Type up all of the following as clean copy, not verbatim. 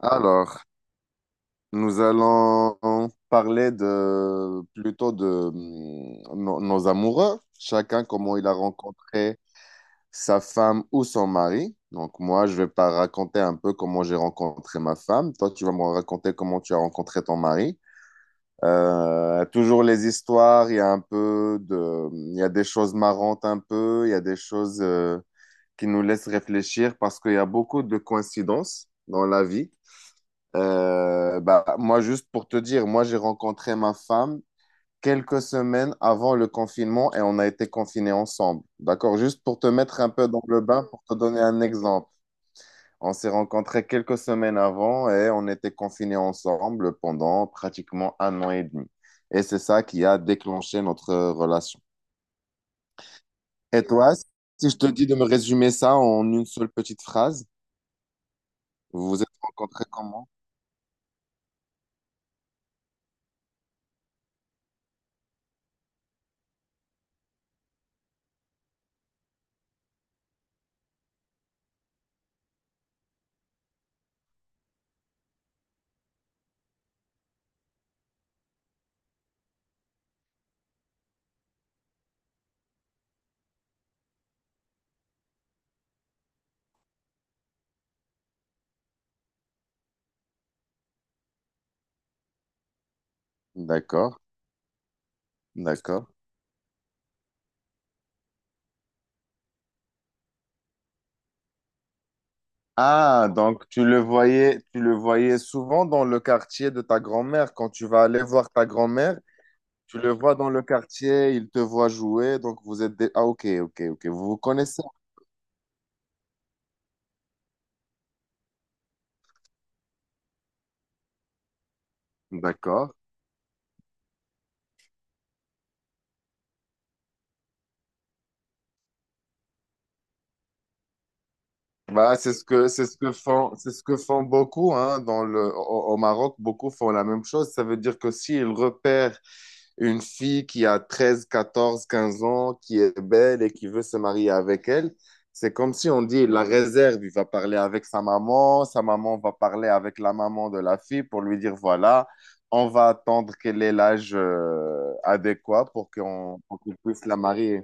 Alors, nous allons parler de plutôt de nos amoureux, chacun comment il a rencontré sa femme ou son mari. Donc moi, je vais pas raconter un peu comment j'ai rencontré ma femme. Toi, tu vas me raconter comment tu as rencontré ton mari. Toujours les histoires, il y a des choses marrantes un peu, il y a des choses qui nous laissent réfléchir parce qu'il y a beaucoup de coïncidences dans la vie. Moi, juste pour te dire, moi, j'ai rencontré ma femme quelques semaines avant le confinement et on a été confinés ensemble. D'accord? Juste pour te mettre un peu dans le bain, pour te donner un exemple. On s'est rencontrés quelques semaines avant et on était confinés ensemble pendant pratiquement un an et demi. Et c'est ça qui a déclenché notre relation. Et toi, si je te dis de me résumer ça en une seule petite phrase, vous vous êtes rencontrés comment? D'accord, d'accord. Ah, donc tu le voyais souvent dans le quartier de ta grand-mère. Quand tu vas aller voir ta grand-mère, tu le vois dans le quartier, il te voit jouer, donc vous êtes des... Ah, ok, ok, ok. Vous vous connaissez. D'accord. Bah, c'est ce que font c'est ce que font beaucoup, hein, dans le au Maroc, beaucoup font la même chose. Ça veut dire que s'ils repèrent une fille qui a 13 14 15 ans, qui est belle et qui veut se marier avec elle, c'est comme si on dit il la réserve. Il va parler avec sa maman, sa maman va parler avec la maman de la fille pour lui dire voilà, on va attendre qu'elle ait l'âge adéquat pour qu'on puisse la marier.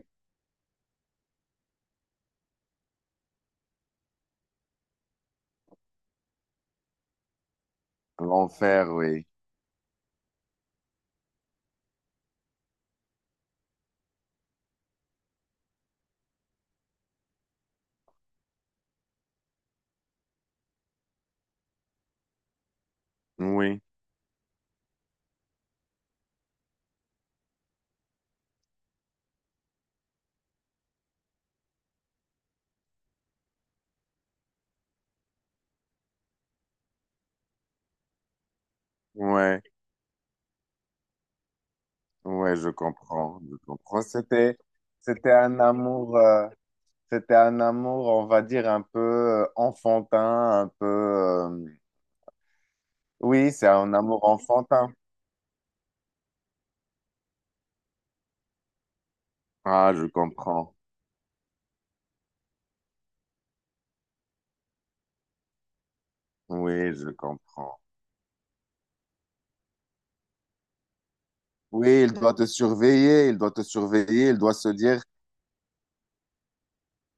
L'enfer, oui. Oui. Ouais. Ouais, je comprends, je comprends. C'était un amour, c'était un amour, on va dire un peu enfantin, un peu. Oui, c'est un amour enfantin. Ah, je comprends. Oui, je comprends. Oui, il doit te surveiller, il doit te surveiller, il doit se dire,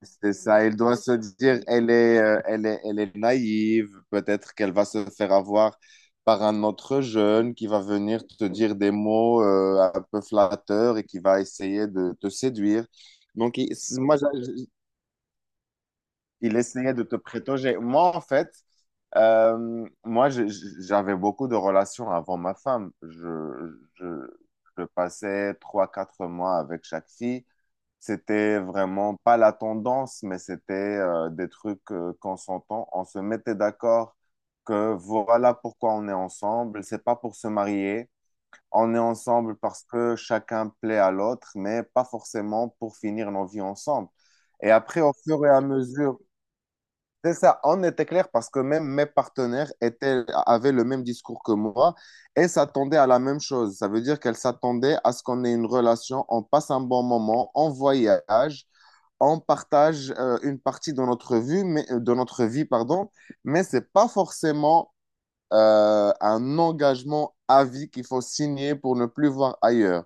c'est ça, elle doit se dire, elle est naïve, peut-être qu'elle va se faire avoir par un autre jeune qui va venir te dire des mots un peu flatteurs et qui va essayer de te séduire. Donc, il essayait de te prétoger. Moi, en fait, moi, j'avais beaucoup de relations avant ma femme. Je passais trois, quatre mois avec chaque fille. C'était vraiment pas la tendance, mais c'était des trucs qu'on s'entend. On se mettait d'accord que voilà pourquoi on est ensemble. C'est pas pour se marier. On est ensemble parce que chacun plaît à l'autre, mais pas forcément pour finir nos vies ensemble. Et après, au fur et à mesure, c'est ça, on était clair parce que même mes partenaires étaient, avaient le même discours que moi et s'attendaient à la même chose. Ça veut dire qu'elles s'attendaient à ce qu'on ait une relation, on passe un bon moment, on voyage, on partage une partie de notre vie, mais, de notre vie, pardon, mais ce n'est pas forcément un engagement à vie qu'il faut signer pour ne plus voir ailleurs.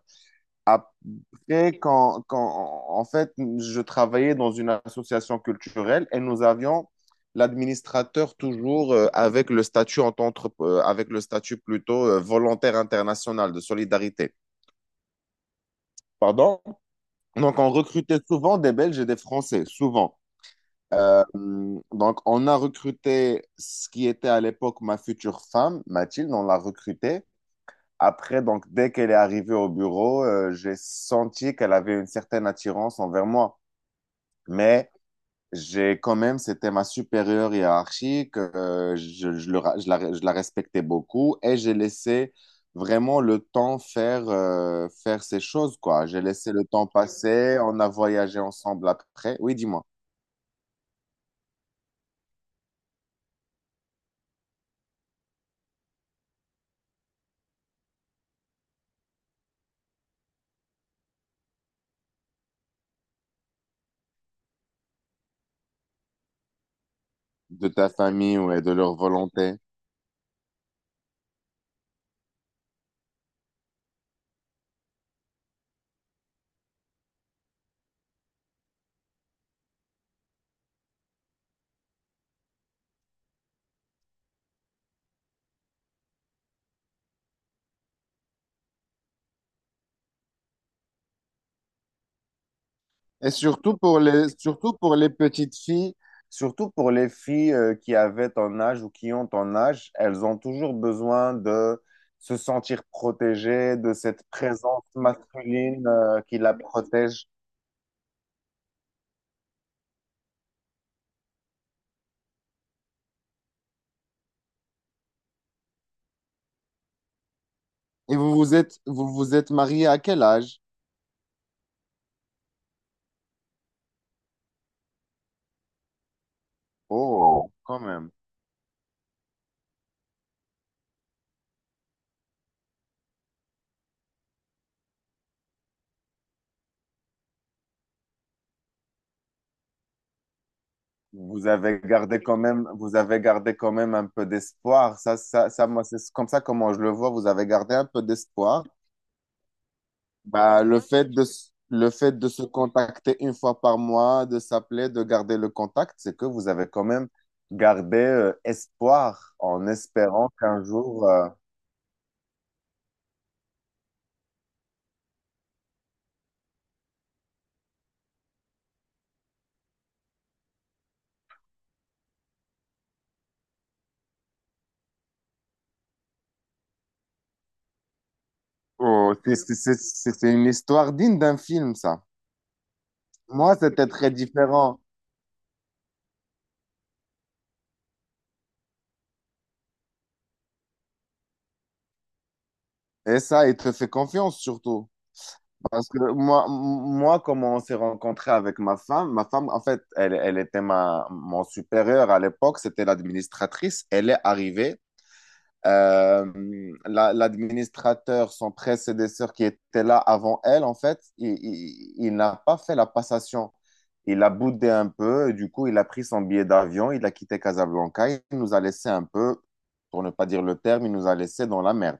Après, en fait, je travaillais dans une association culturelle et nous avions l'administrateur toujours avec le statut plutôt volontaire international de solidarité. Pardon? Donc, on recrutait souvent des Belges et des Français, souvent. Donc, on a recruté ce qui était à l'époque ma future femme, Mathilde, on l'a recrutée. Après, donc, dès qu'elle est arrivée au bureau, j'ai senti qu'elle avait une certaine attirance envers moi. Mais j'ai quand même, c'était ma supérieure hiérarchique, je le ra- je la respectais beaucoup et j'ai laissé vraiment le temps faire, faire ces choses, quoi. J'ai laissé le temps passer, on a voyagé ensemble après. Oui, dis-moi, de ta famille ou de leur volonté. Et surtout surtout pour les petites filles, surtout pour les filles qui avaient ton âge ou qui ont ton âge, elles ont toujours besoin de se sentir protégées, de cette présence masculine qui la protège. Et vous vous êtes marié à quel âge? Oh, quand même. Vous avez gardé quand même, vous avez gardé quand même un peu d'espoir. Moi, c'est comme ça comment je le vois. Vous avez gardé un peu d'espoir. Bah, le fait de se contacter une fois par mois, de s'appeler, de garder le contact, c'est que vous avez quand même gardé espoir en espérant qu'un jour... Oh, c'est une histoire digne d'un film, ça. Moi, c'était très différent. Et ça, il te fait confiance surtout. Parce que moi, comment on s'est rencontré avec ma femme, en fait, elle, elle était mon supérieur à l'époque, c'était l'administratrice. Elle est arrivée. Euh, L'administrateur, son prédécesseur qui était là avant elle, en fait, il n'a pas fait la passation. Il a boudé un peu, et du coup, il a pris son billet d'avion, il a quitté Casablanca, il nous a laissé un peu, pour ne pas dire le terme, il nous a laissé dans la merde.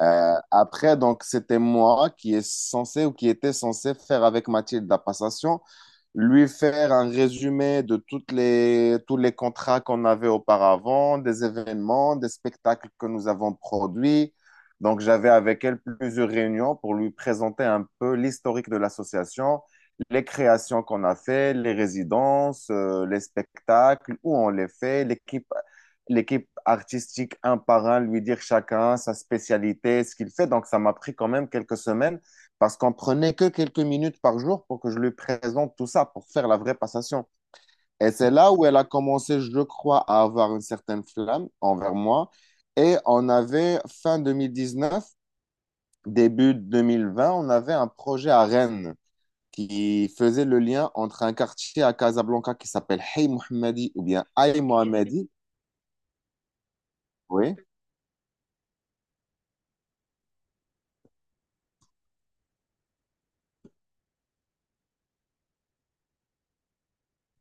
Après, donc, c'était moi qui était censé faire avec Mathilde la passation, lui faire un résumé de tous les contrats qu'on avait auparavant, des événements, des spectacles que nous avons produits. Donc, j'avais avec elle plusieurs réunions pour lui présenter un peu l'historique de l'association, les créations qu'on a fait, les résidences, les spectacles, où on les fait, l'équipe artistique un par un, lui dire chacun sa spécialité, ce qu'il fait. Donc, ça m'a pris quand même quelques semaines parce qu'on prenait que quelques minutes par jour pour que je lui présente tout ça, pour faire la vraie passation. Et c'est là où elle a commencé, je crois, à avoir une certaine flamme envers moi. Et on avait, fin 2019, début 2020, on avait un projet à Rennes qui faisait le lien entre un quartier à Casablanca qui s'appelle Hey Mohammadi ou bien Aïe Mohammadi, oui.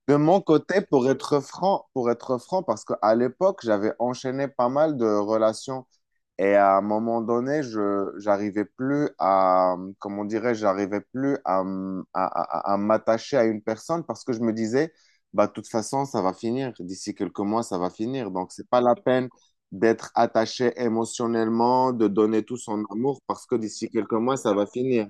De mon côté, pour être franc, parce qu'à l'époque, j'avais enchaîné pas mal de relations et à un moment donné, j'arrivais plus à, comment dirais, j'arrivais plus à, à m'attacher à une personne parce que je me disais, bah, de toute façon, ça va finir. D'ici quelques mois, ça va finir. Donc, c'est pas la peine d'être attaché émotionnellement, de donner tout son amour parce que d'ici quelques mois, ça va finir.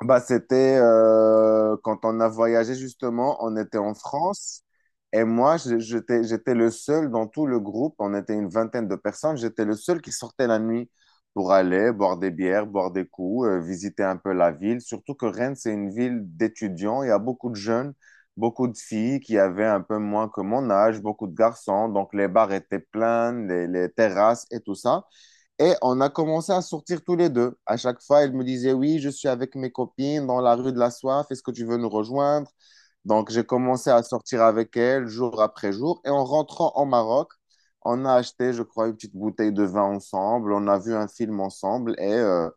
Bah, c'était quand on a voyagé justement, on était en France et moi, j'étais le seul dans tout le groupe, on était une vingtaine de personnes, j'étais le seul qui sortait la nuit pour aller boire des bières, boire des coups, visiter un peu la ville. Surtout que Rennes, c'est une ville d'étudiants, il y a beaucoup de jeunes, beaucoup de filles qui avaient un peu moins que mon âge, beaucoup de garçons, donc les bars étaient pleins, les terrasses et tout ça. Et on a commencé à sortir tous les deux. À chaque fois, elle me disait, oui, je suis avec mes copines dans la rue de la Soif, est-ce que tu veux nous rejoindre? Donc, j'ai commencé à sortir avec elle jour après jour. Et en rentrant au Maroc, on a acheté, je crois, une petite bouteille de vin ensemble, on a vu un film ensemble et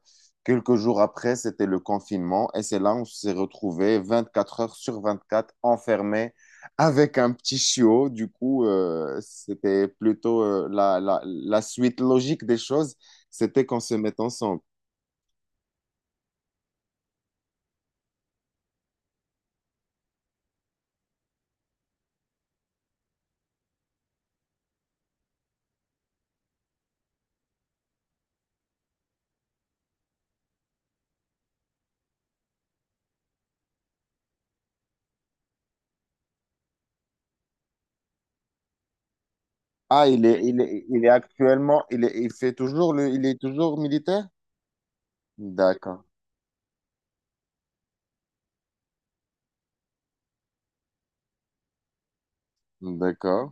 quelques jours après, c'était le confinement. Et c'est là où on s'est retrouvés 24 heures sur 24 enfermés avec un petit chiot. Du coup, c'était plutôt la suite logique des choses, c'était qu'on se mette ensemble. Ah, il est actuellement, il fait toujours le, il est toujours militaire? D'accord, d'accord.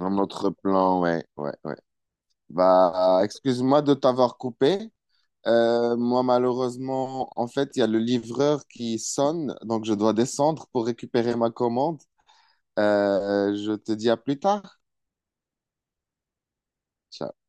Un autre plan, ouais, ouais, ouais. Bah, excuse-moi de t'avoir coupé. Moi, malheureusement, en fait, il y a le livreur qui sonne, donc je dois descendre pour récupérer ma commande. Je te dis à plus tard. Ciao.